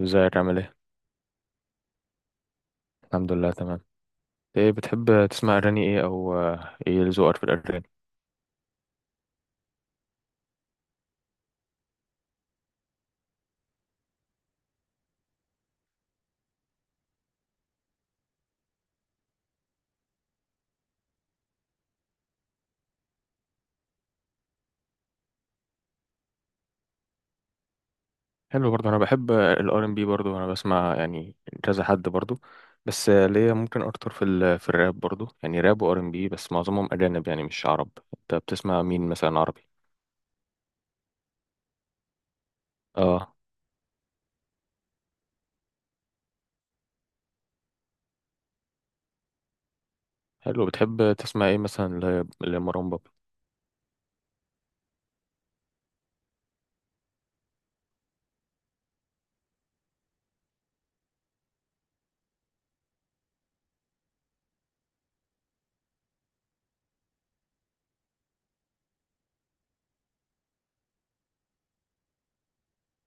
ازيك عامل ايه؟ الحمد لله تمام. ايه بتحب تسمع اغاني ايه او ايه ذوقك في الاغاني؟ حلو برضه انا بحب الار ام بي برضه انا بسمع يعني كذا حد برضه. بس ليا ممكن اكتر في الراب برضه يعني راب وار ام بي، بس معظمهم اجانب يعني مش عرب. انت بتسمع مين مثلا عربي؟ اه. حلو، بتحب تسمع ايه مثلا لمروان بابلو؟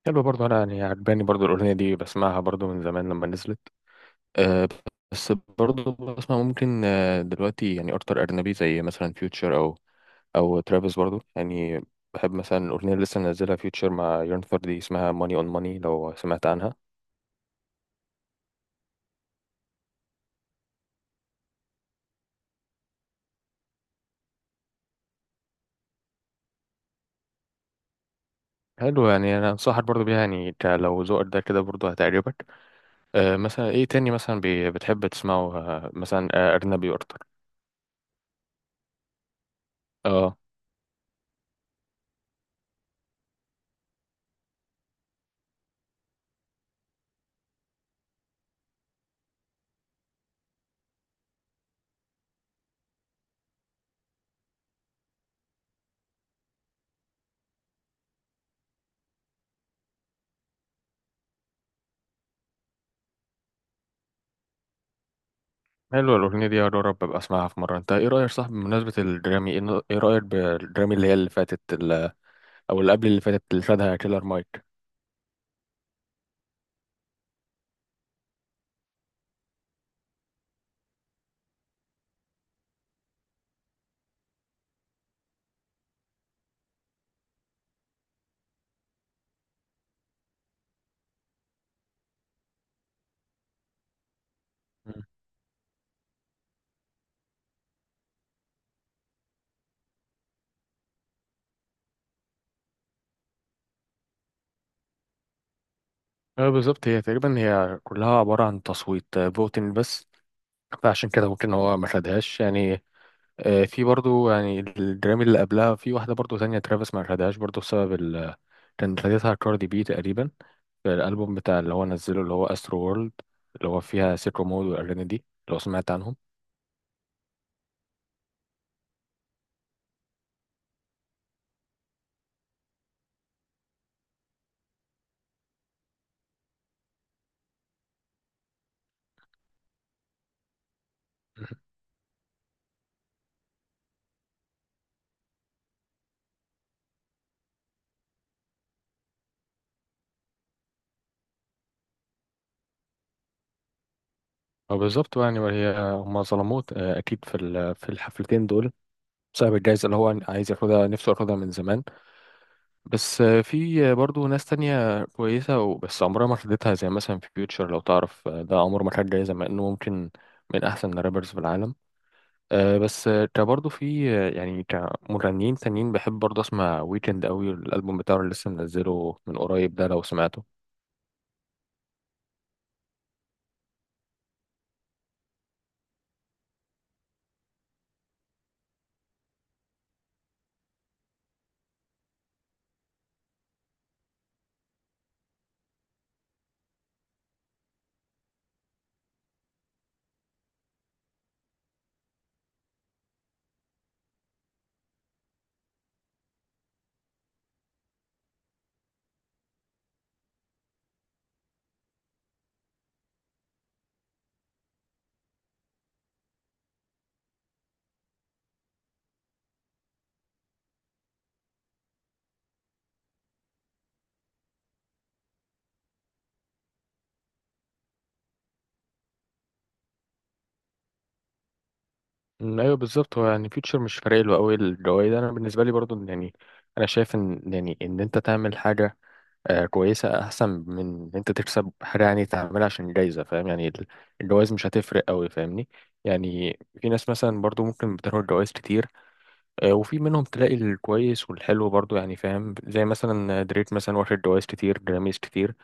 حلو برضه، انا يعني عجباني برضه الاغنية دي، بسمعها برضه من زمان لما نزلت. آه، بس برضه بسمع ممكن دلوقتي يعني اكتر اجنبي زي مثلا فيوتشر او ترافيس برضو يعني. بحب مثلا الاغنيه اللي لسه منزلها فيوتشر مع يونفر دي، اسمها ماني اون ماني، لو سمعت عنها. حلو يعني انا انصحك برضو بيها يعني، لو ذوقك ده كده برضو هتعجبك. آه، مثلا ايه تاني مثلا بتحب تسمعه مثلا اجنبي اكتر؟ اه. حلو، الاغنيه دي يا رب ابقى اسمعها في مره. انت ايه رايك، صح، بمناسبه الجرامي، ايه إيه رايك بالجرامي اللي هي اللي فاتت او اللي قبل اللي فاتت، اللي خدها كيلر مايك؟ مم. اه بالظبط، هي تقريبا هي كلها عباره عن تصويت فوتين بس، فعشان كده ممكن هو ما خدهاش يعني. آه، في برضو يعني الجرامي اللي قبلها، في واحدة برضو تانية ترافيس ما خدهاش برضو بسبب ال، كان خدتها كاردي بي تقريبا في الألبوم بتاع اللي هو نزله اللي هو أسترو وورلد، اللي هو فيها سيكو مود والأغاني دي، لو سمعت عنهم. هو بالظبط يعني، وهي هما ظلموه أكيد في الحفلتين دول، بسبب الجايزة اللي هو عايز ياخدها، نفسه ياخدها من زمان. بس في برضو ناس تانية كويسة وبس عمرها ما خدتها، زي مثلا في فيوتشر لو تعرف، ده عمره ما خد جايزة مع إنه ممكن من أحسن الرابرز في العالم. بس كبرضو في يعني كمغنيين تانيين بحب برضو أسمع ويكند أوي، الألبوم بتاعه اللي لسه منزله من قريب ده لو سمعته. أيوه بالظبط، هو يعني فيوتشر مش فارق له أوي الجوايز. أنا بالنسبة لي برضو إن يعني أنا شايف إن يعني إن أنت تعمل حاجة كويسة أحسن من إن أنت تكسب حاجة يعني تعملها عشان جايزة، فاهم يعني الجواز مش هتفرق أوي، فاهمني؟ يعني في ناس مثلا برضو ممكن بتاخد جواز كتير وفي منهم تلاقي الكويس والحلو برضو يعني، فاهم، زي مثلا دريك مثلا واخد جواز كتير، جراميز كتير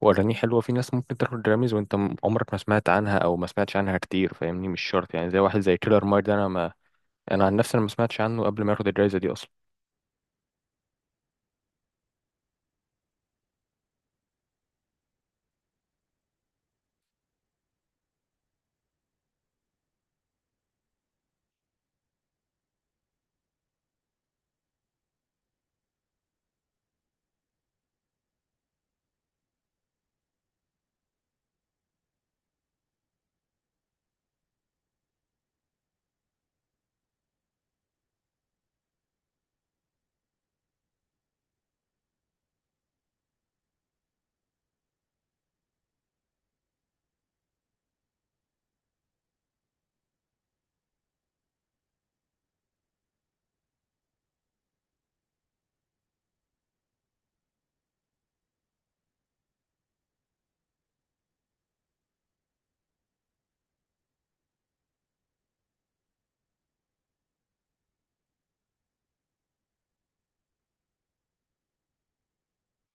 وأغانيه حلوة. في ناس ممكن تاخد جراميز وأنت عمرك ما سمعت عنها أو ما سمعتش عنها كتير، فاهمني، مش شرط يعني، زي واحد زي كيلر مايك ده، أنا عن نفسي أنا ما سمعتش عنه قبل ما ياخد الجايزة دي أصلا.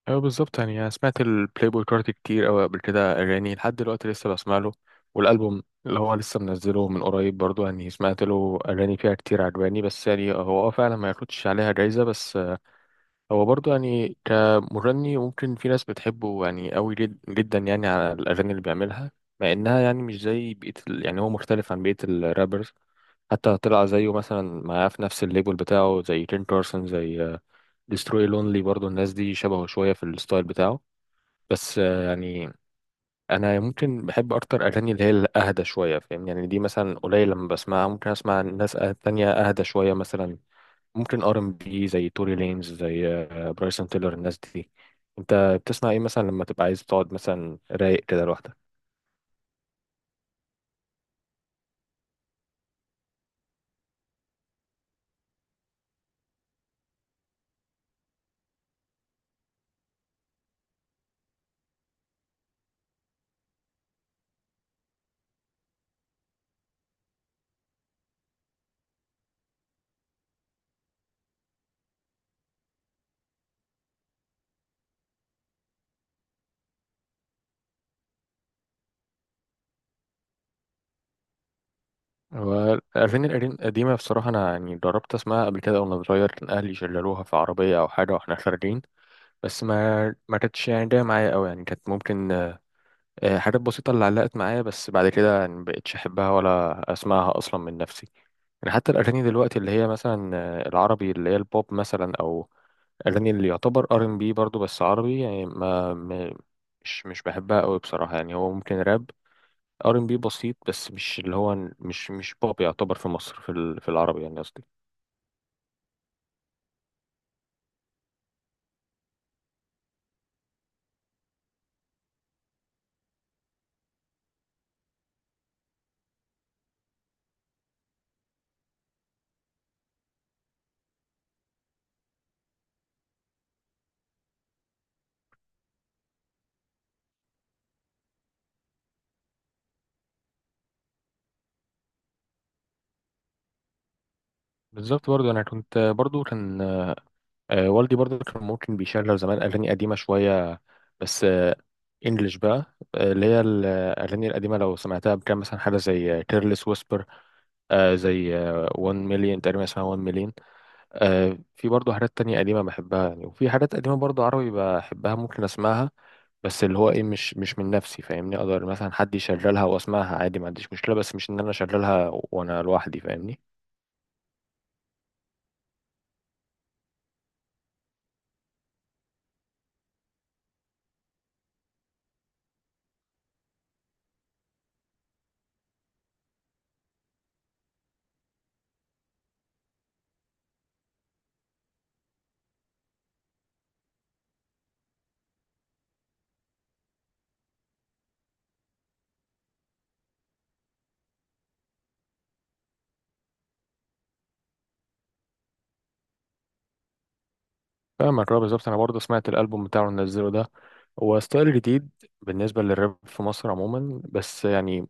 ايوه بالظبط يعني انا سمعت البلاي بوي كارت كتير قوي قبل كده اغاني، لحد دلوقتي لسه بسمع له، والالبوم اللي هو لسه منزله من قريب برضو يعني سمعت له اغاني فيها كتير عجباني، بس يعني هو اه فعلا ما ياخدش عليها جايزه. بس هو برضو يعني كمغني ممكن في ناس بتحبه يعني قوي جد جدا يعني على الاغاني اللي بيعملها، مع انها يعني مش زي بقيه ال... يعني هو مختلف عن بقيه الرابرز. حتى طلع زيه مثلا معاه في نفس الليبل بتاعه زي تين كارسون، زي ديستروي لونلي، برضو الناس دي شبهه شويه في الستايل بتاعه. بس يعني انا ممكن بحب اكتر اغاني اللي هي الاهدى شويه، فاهم يعني دي مثلا قليل لما بسمعها، ممكن اسمع ناس تانية اهدى شويه مثلا، ممكن ار ام بي زي توري لينز، زي برايسون تيلر، الناس دي. انت بتسمع ايه مثلا لما تبقى عايز تقعد مثلا رايق كده لوحدك؟ هو الأغاني القديمة بصراحة أنا يعني جربت أسمعها قبل كده وأنا صغير، كان أهلي شغلوها في عربية أو حاجة وإحنا خارجين، بس ما كانتش يعني جاية معايا أوي، يعني كانت ممكن حاجات بسيطة اللي علقت معايا، بس بعد كده يعني مبقتش أحبها ولا أسمعها أصلا من نفسي. يعني حتى الأغاني دلوقتي اللي هي مثلا العربي اللي هي البوب مثلا، أو أغاني اللي يعتبر ار ان بي برضه بس عربي، يعني مش بحبها أوي بصراحة، يعني هو ممكن راب، ار ان بي بسيط، بس مش اللي هو مش بوب يعتبر في مصر في العربي يعني قصدي. بالظبط برضه، أنا كنت برضه كان والدي برضه كان ممكن بيشغل زمان أغاني قديمة شوية، بس إنجلش بقى، اللي هي الأغاني القديمة لو سمعتها، كان مثلا حاجة زي كيرلس ويسبر، زي 1 مليون تقريبا، اسمها 1 مليون. في برضه حاجات تانية قديمة بحبها يعني، وفي حاجات قديمة برضه عربي بحبها ممكن أسمعها، بس اللي هو إيه مش من نفسي، فاهمني، أقدر مثلا حد يشغلها وأسمعها عادي، ما عنديش مشكلة، بس مش إن أنا أشغلها وأنا لوحدي، فاهمني؟ فاهمك، اه بالظبط، انا برضه سمعت الالبوم بتاعه اللي نزله ده، هو ستايل جديد بالنسبه للراب في مصر عموما، بس يعني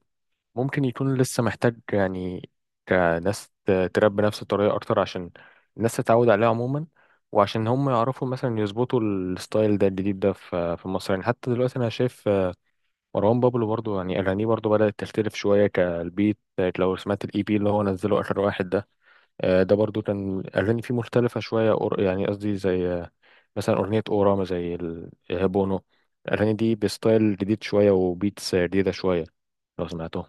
ممكن يكون لسه محتاج يعني كناس تراب بنفس الطريقه اكتر عشان الناس تتعود عليه عموما، وعشان هم يعرفوا مثلا يظبطوا الستايل ده الجديد ده في مصر. يعني حتى دلوقتي انا شايف، مروان بابلو برضه يعني اغانيه برضه بدات تختلف شويه كالبيت، لو سمعت الاي بي اللي هو نزله اخر واحد ده. ده برضو كان أغاني فيه مختلفة شوية يعني قصدي زي مثلا أغنية أوراما، زي بونو، الأغاني دي بستايل جديد شوية وبيتس جديدة شوية لو سمعتهم.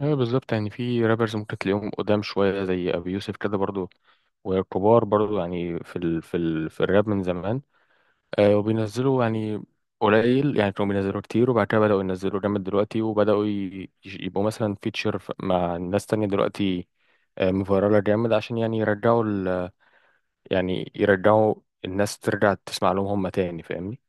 ايوه بالظبط، يعني في رابرز ممكن تلاقيهم قدام شويه زي ابي يوسف كده برضو، وكبار برضو يعني في الراب من زمان. آه، وبينزلوا يعني قليل، يعني كانوا بينزلوا كتير وبعد كده بدأوا ينزلوا جامد دلوقتي، وبدأوا يبقوا مثلا فيتشر مع ناس تانية دلوقتي، مفيرالة جامد عشان يعني يرجعوا الناس ترجع تسمع لهم هم تاني، فاهمني؟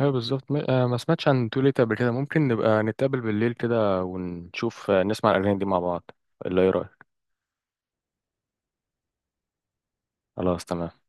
ايوه بالظبط، ما سمعتش عن تو ليت قبل كده، ممكن نبقى نتقابل بالليل كده ونشوف، نسمع الاغاني دي مع بعض، ايه رايك؟ خلاص تمام.